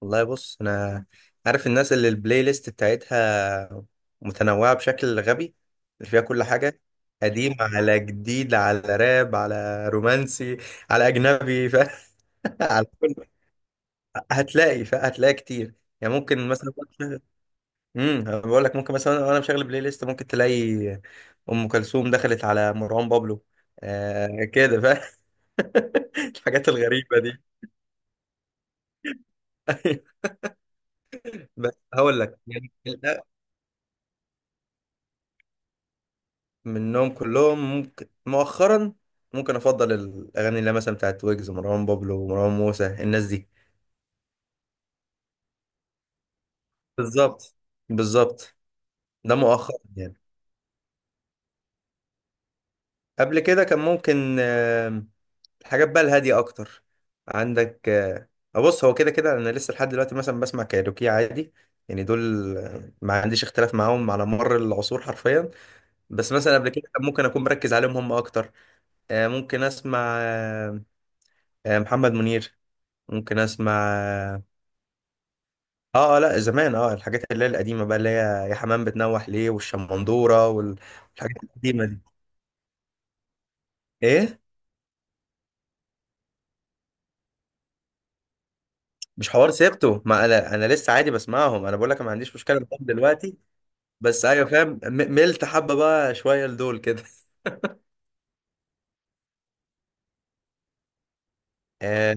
والله بص انا عارف الناس اللي البلاي ليست بتاعتها متنوعة بشكل غبي، اللي فيها كل حاجة، قديم على جديد على راب على رومانسي على اجنبي على كل. هتلاقي هتلاقي كتير. يعني ممكن مثلا، بقول لك ممكن مثلا وانا مشغل بلاي ليست ممكن تلاقي ام كلثوم دخلت على مروان بابلو. آه كده الحاجات الغريبة دي. بس هقول لك يعني، منهم كلهم ممكن مؤخرا ممكن افضل الاغاني اللي هي مثلا بتاعت ويجز، مروان بابلو، مروان موسى، الناس دي. بالظبط بالظبط. ده مؤخرا يعني. قبل كده كان ممكن الحاجات بقى الهاديه اكتر. عندك آه، بص هو كده كده انا لسه لحد دلوقتي مثلا بسمع كايروكي عادي. يعني دول ما عنديش اختلاف معاهم على مر العصور حرفيا. بس مثلا قبل كده كان ممكن اكون مركز عليهم هم اكتر. ممكن اسمع محمد منير، ممكن اسمع. اه اه لا، زمان اه الحاجات اللي هي القديمة بقى، اللي هي يا حمام بتنوح ليه والشمندورة والحاجات القديمة دي. ايه مش حوار سيرته، ما انا لسه عادي بسمعهم، انا بقول لك أنا ما عنديش مشكلة معاهم دلوقتي. بس ايوه فاهم، ملت حبة بقى شوية لدول كده. آه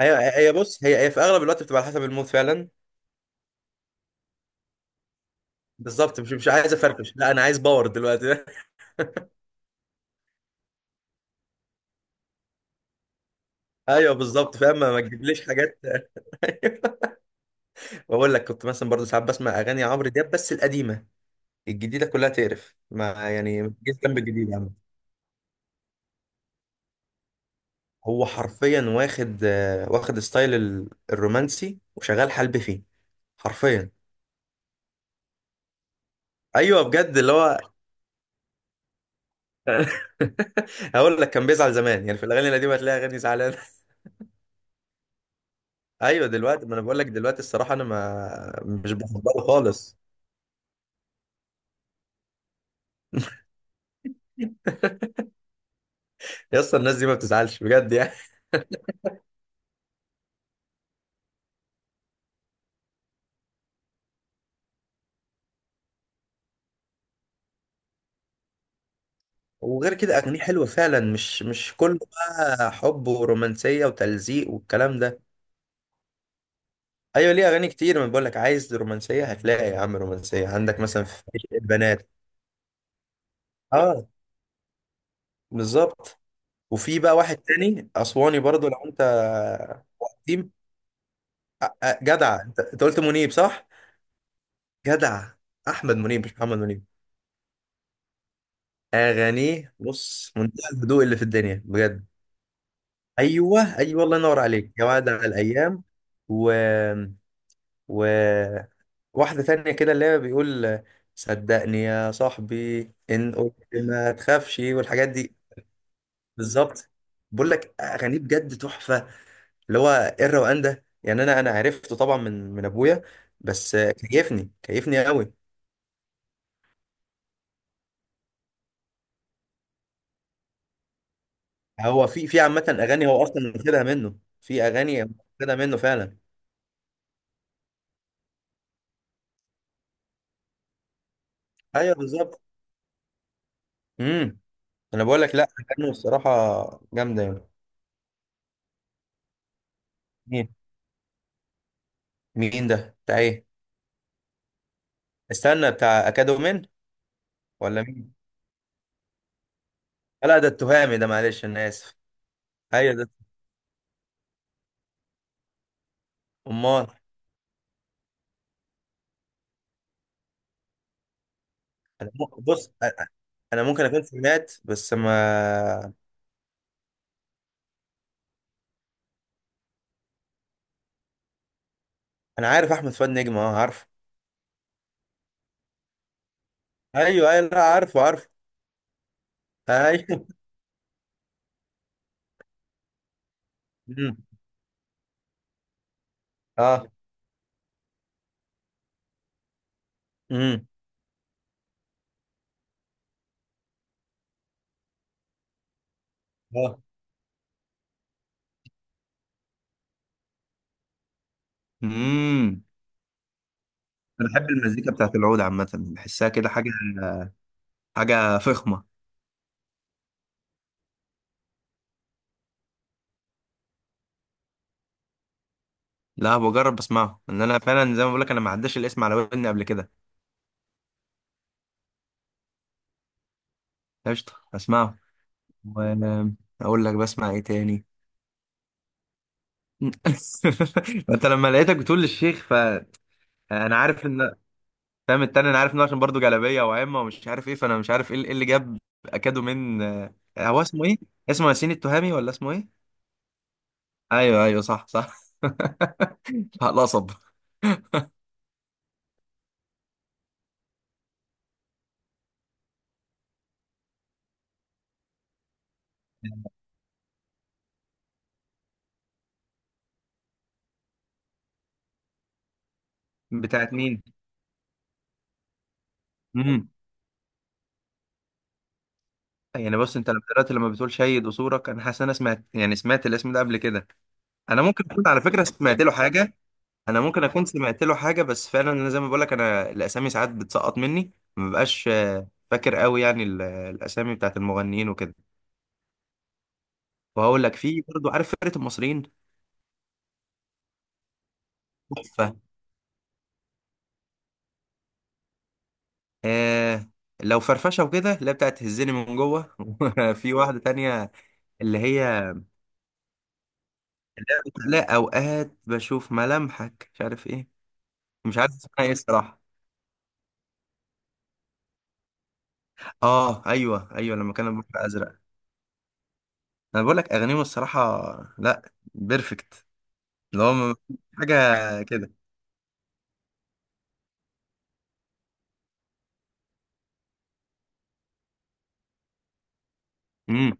ايوه، هي بص هي في اغلب الوقت بتبقى على حسب المود فعلا. بالظبط، مش عايز افرفش، لا انا عايز باور دلوقتي. ايوه بالظبط فاهم، ما تجيبليش حاجات. بقول لك كنت مثلا برضه ساعات بسمع اغاني عمرو دياب بس القديمة. الجديده كلها تقرف، ما يعني ما تجيش جنب الجديد يا عم. هو حرفيا واخد واخد ستايل الرومانسي وشغال حلب فيه حرفيا. ايوه بجد اللي هو، هقول لك كان بيزعل زمان، يعني في الاغاني القديمه هتلاقي اغاني زعلان. ايوه دلوقتي، ما انا بقول لك دلوقتي الصراحه انا ما مش بفضله خالص. يا اسطى الناس دي ما بتزعلش بجد يعني. وغير كده اغانيه حلوه فعلا، مش كله بقى حب ورومانسيه وتلزيق والكلام ده. ايوه ليه اغاني كتير، ما بقول لك عايز رومانسيه هتلاقي يا عم رومانسيه، عندك مثلا في عشق البنات. اه بالظبط. وفي بقى واحد تاني اسواني برضو لو انت. قديم، جدع انت، أنت قلت منيب صح. جدع، احمد منيب مش محمد منيب. اغانيه بص منتهى الهدوء اللي في الدنيا بجد. ايوه ايوه، الله ينور عليك، يا وعد على الايام. و و واحده تانية كده اللي هي بيقول صدقني يا صاحبي ان قلت ما تخافش والحاجات دي. بالظبط، بقول لك اغانيه بجد تحفه. اللي هو ايه الروقان ده يعني، انا عرفته طبعا من ابويا. بس كيفني كيفني قوي. هو في عامه اغاني هو اصلا واخدها منه. في اغاني هو واخدها منه فعلا. ايوه بالظبط. امم، انا بقول لك، لا اغانيه الصراحه جامده يعني. مين، مين ده بتاع ايه؟ استنى، بتاع اكادومين ولا مين؟ لا ده التهامي، ده معلش انا اسف. ايوه ده، امال. أنا م- بص أ- انا ممكن اكون سمعت بس ما. انا عارف احمد فؤاد نجم، اه عارفه. ايوه ايوه، لا عارفه عارفه. ايوه. امم. اه. امم. اه. امم. انا بحب المزيكا بتاعت العود عامه، بحسها كده حاجه، حاجه فخمه. لا بجرب بسمعه، ان انا فعلا زي ما بقول لك انا ما عداش الاسم على ودني قبل كده. قشطه، اسمعه واقول لك بسمع ايه تاني. انت لما لقيتك بتقول للشيخ، فانا عارف ان، فاهم التاني انا عارف انه عشان برضه جلابيه وعمه ومش عارف ايه، فانا مش عارف ايه اللي اللي جاب اكادو من هو اسمه ايه؟ اسمه ياسين التهامي ولا اسمه ايه؟ ايوه ايوه صح صح. القصب. بتاعت مين؟ امم، يعني بص انت لما دلوقتي لما بتقول شيد وصورك، انا حاسس إن انا سمعت، يعني سمعت الاسم ده قبل كده. انا ممكن اكون على فكره سمعت له حاجه. انا ممكن اكون سمعت له حاجه، بس فعلا انا زي ما بقول لك، انا الاسامي ساعات بتسقط مني، ما ببقاش فاكر قوي يعني الاسامي بتاعت المغنيين وكده. وهقول لك في برضه، عارف فرقه المصريين؟ تحفة. آه، لو فرفشة وكده اللي هي بتاعت تهزني من جوه. في واحدة تانية، اللي هي، اللي هي بتقول لا أوقات بشوف ملامحك مش عارف إيه. مش عارف اسمها إيه الصراحة. آه أيوه أيوه، لما كان البحر أزرق. أنا بقول لك أغانيهم الصراحة، لا بيرفكت. اللي هو، حاجة كده. امم.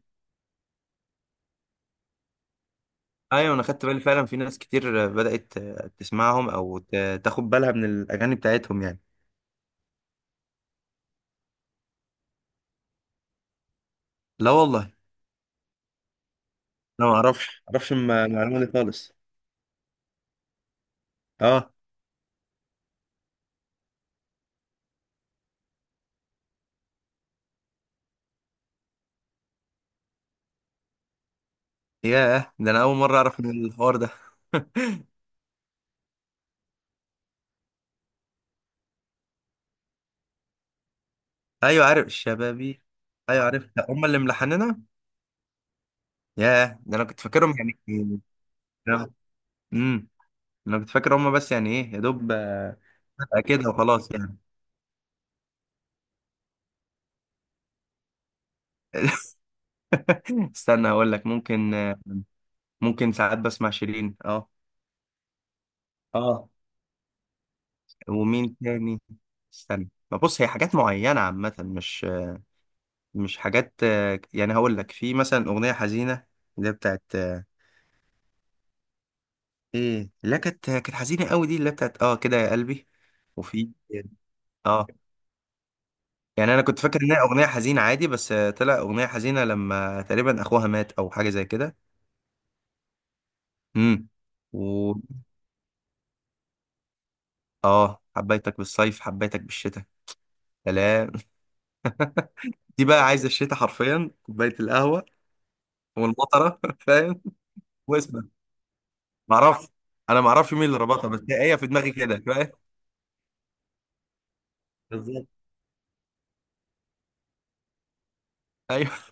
أيوه أنا خدت بالي فعلا، في ناس كتير بدأت تسمعهم أو تاخد بالها من الأغاني بتاعتهم يعني. لا والله، أنا ما أعرفش المعلومة دي خالص. اه. ياه ده انا اول مره اعرف، من الحوار ده. ايوه عارف الشبابي. ايوه عارف، ده هم اللي ملحننا. ياه ده انا كنت فاكرهم يعني. امم، انا كنت فاكر هم بس يعني ايه يا دوب، حلقة كده وخلاص يعني. استنى هقول لك ممكن، ممكن ساعات بسمع شيرين اه. اه. ومين تاني؟ استنى، ما بص هي حاجات معينة عامة، مش حاجات يعني. هقول لك في مثلا أغنية حزينة، اللي هي بتاعت ايه، لا كانت حزينة قوي دي، اللي هي بتاعت اه كده يا قلبي. وفي يعني، اه يعني انا كنت فاكر انها اغنيه حزينه عادي بس طلع اغنيه حزينه لما تقريبا اخوها مات او حاجه زي كده. امم. و، اه، حبيتك بالصيف حبيتك بالشتاء، سلام. دي بقى عايزه الشتاء حرفيا كوبايه القهوه والمطره، فاهم. واسمع، معرفش، انا معرفش مين اللي ربطها، بس هي في دماغي كده، فاهم. بالظبط ايوه.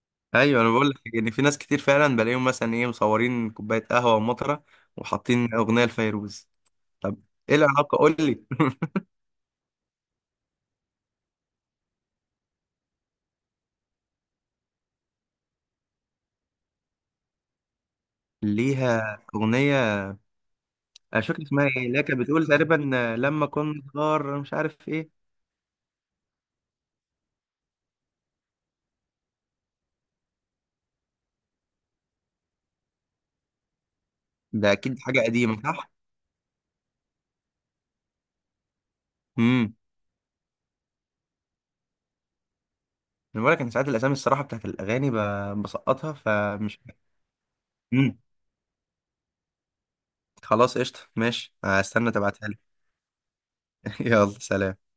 ايوه انا بقول لك ان في ناس كتير فعلا بلاقيهم مثلا ايه، مصورين كوبايه قهوه ومطره وحاطين اغنيه لفيروز. طب ايه العلاقه قول لي؟ ليها أغنية مش فاكر اسمها إيه اللي هي كانت بتقول تقريبا لما كنت صغار مش عارف إيه. ده أكيد حاجة قديمة صح؟ امم. أنا بقولك أنا ساعات الأسامي الصراحة بتاعت الأغاني، بسقطها فمش. امم، خلاص قشطة ماشي هستنى تبعتها لي. يلا سلام.